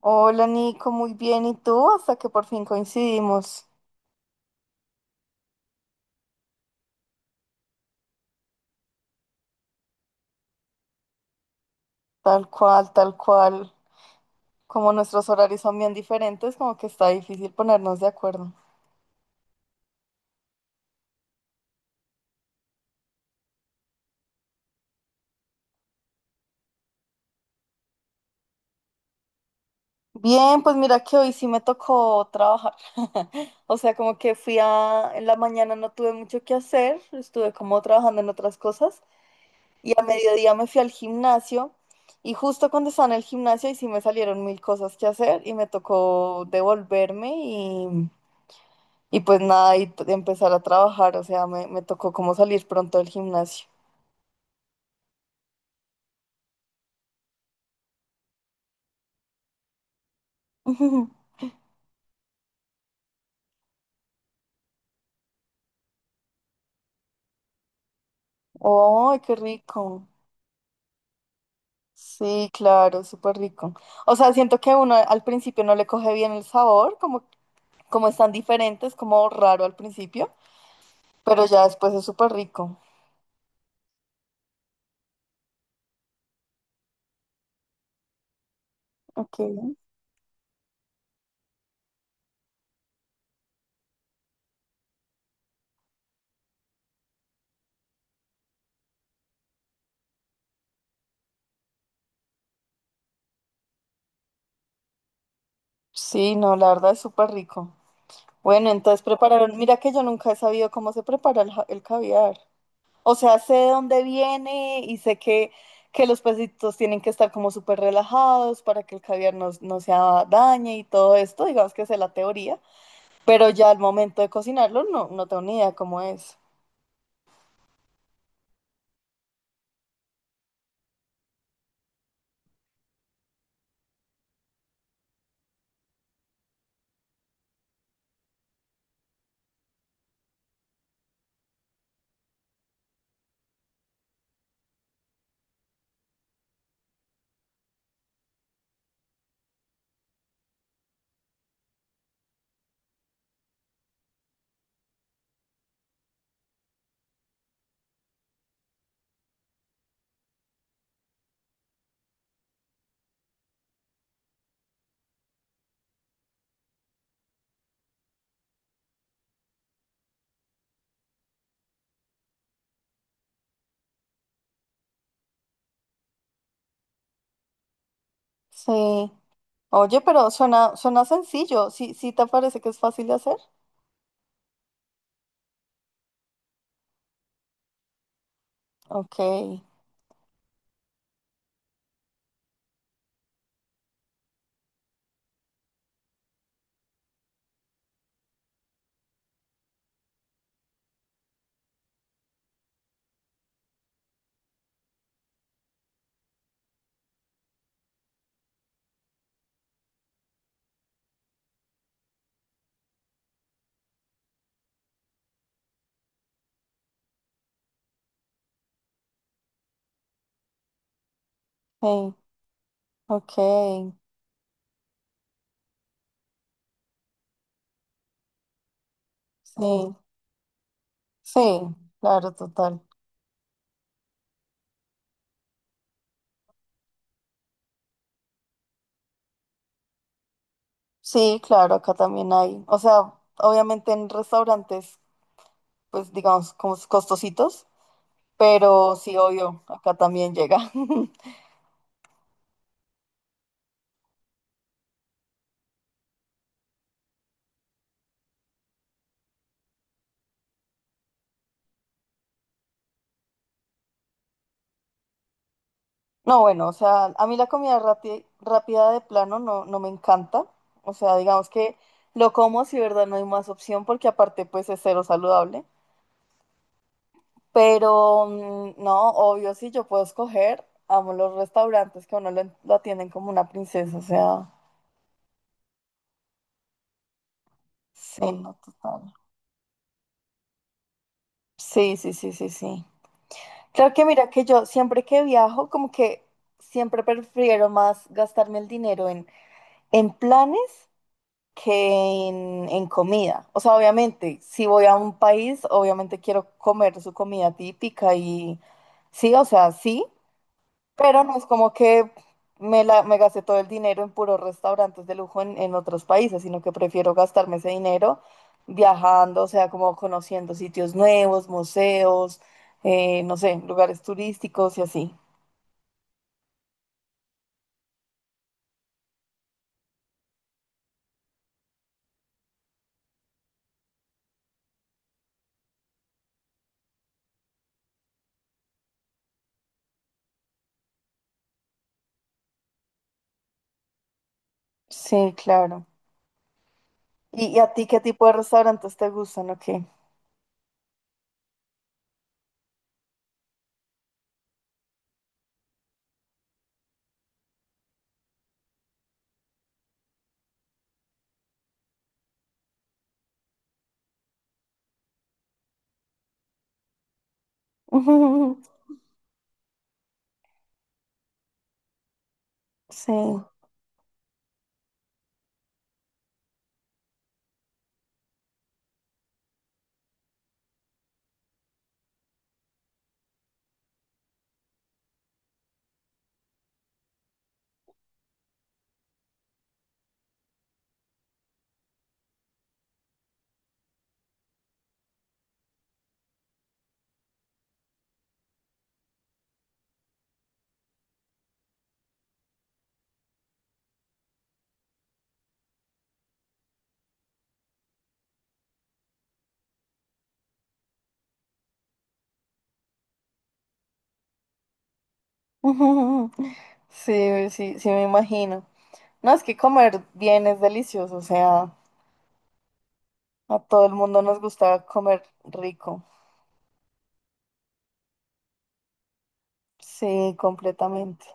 Hola Nico, muy bien. ¿Y tú? Hasta que por fin coincidimos. Tal cual, tal cual. Como nuestros horarios son bien diferentes, como que está difícil ponernos de acuerdo. Bien, pues mira que hoy sí me tocó trabajar. O sea, como que fui a... En la mañana no tuve mucho que hacer, estuve como trabajando en otras cosas. Y a mediodía me fui al gimnasio. Y justo cuando estaba en el gimnasio, y sí me salieron mil cosas que hacer y me tocó devolverme. Y pues nada, y empezar a trabajar, o sea, me tocó como salir pronto del gimnasio. ¡Ay, qué rico! Sí, claro, súper rico. O sea, siento que uno al principio no le coge bien el sabor, como, están diferentes, como raro al principio, pero ya después es súper rico. Ok. Sí, no, la verdad es súper rico. Bueno, entonces prepararon, mira que yo nunca he sabido cómo se prepara el caviar. O sea, sé de dónde viene y sé que los pesitos tienen que estar como súper relajados para que el caviar no, no se dañe y todo esto, digamos que sé la teoría, pero ya al momento de cocinarlo no, no tengo ni idea cómo es. Sí. Oye, pero suena, suena sencillo. ¿Sí, sí te parece que es fácil de hacer? Ok, sí, ok, sí, sí, claro, total. Sí, claro, acá también hay. O sea, obviamente en restaurantes, pues digamos, como costositos. Pero sí, obvio, acá también llega. No, bueno, o sea, a mí la comida rápida de plano no, no me encanta. O sea, digamos que lo como si, verdad, no hay más opción porque aparte pues es cero saludable. Pero no, obvio, si yo puedo escoger, amo los restaurantes que a uno lo atienden como una princesa. O sea, sí, no, total. Sí, sí, sí, sí, sí. Creo que mira que yo siempre que viajo, como que siempre prefiero más gastarme el dinero en, planes que en, comida. O sea, obviamente, si voy a un país, obviamente quiero comer su comida típica y sí, o sea, sí, pero no es como que me gasté todo el dinero en puros restaurantes de lujo en, otros países, sino que prefiero gastarme ese dinero viajando, o sea, como conociendo sitios nuevos, museos, no sé, lugares turísticos y así. Sí, claro. ¿Y a ti qué tipo de restaurantes te gustan o qué? Sí. Sí, sí, sí me imagino. No, es que comer bien es delicioso, o sea, a todo el mundo nos gusta comer rico. Sí, completamente.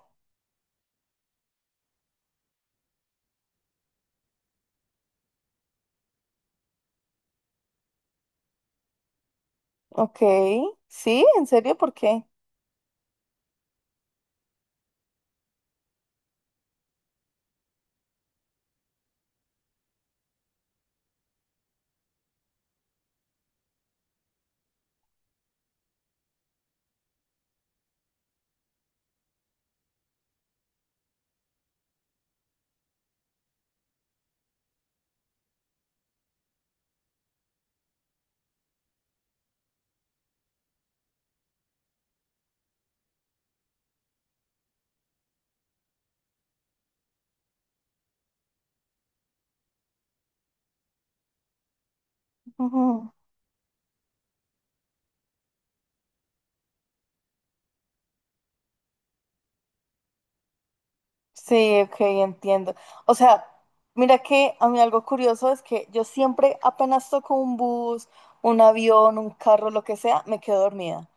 Ok, sí, ¿en serio? ¿Por qué? Ujú. Sí, ok, entiendo. O sea, mira que a mí algo curioso es que yo siempre apenas toco un bus, un avión, un carro, lo que sea, me quedo dormida.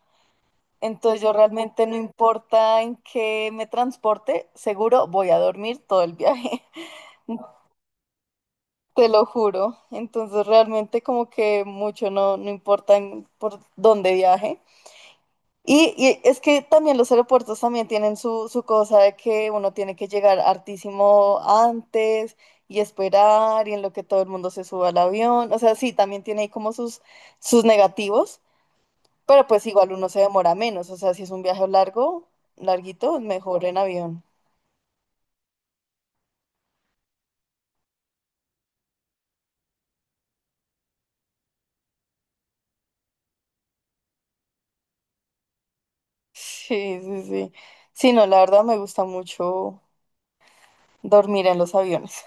Entonces yo realmente no importa en qué me transporte, seguro voy a dormir todo el viaje. Te lo juro. Entonces realmente como que mucho no, no importa por dónde viaje. Y es que también los aeropuertos también tienen su cosa de que uno tiene que llegar hartísimo antes y esperar y en lo que todo el mundo se suba al avión. O sea, sí, también tiene ahí como sus, negativos, pero pues igual uno se demora menos. O sea, si es un viaje largo, larguito, mejor en avión. Sí, sí, sí. Sí, no, la verdad me gusta mucho dormir en los aviones.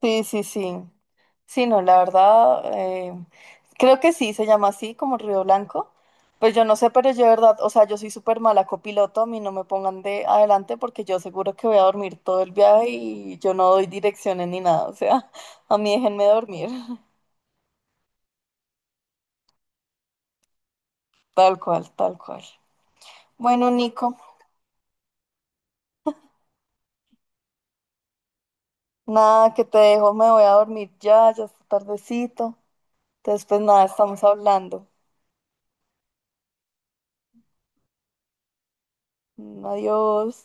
Sí, sí, sí. Sí, no, la verdad, creo que sí, se llama así, como Río Blanco. Pues yo no sé, pero yo de verdad, o sea, yo soy súper mala copiloto, a mí no me pongan de adelante porque yo seguro que voy a dormir todo el viaje y yo no doy direcciones ni nada, o sea, a mí déjenme dormir, tal cual, tal cual. Bueno, Nico, nada, que te dejo, me voy a dormir ya, ya está tardecito. Entonces, pues nada, estamos hablando. Adiós.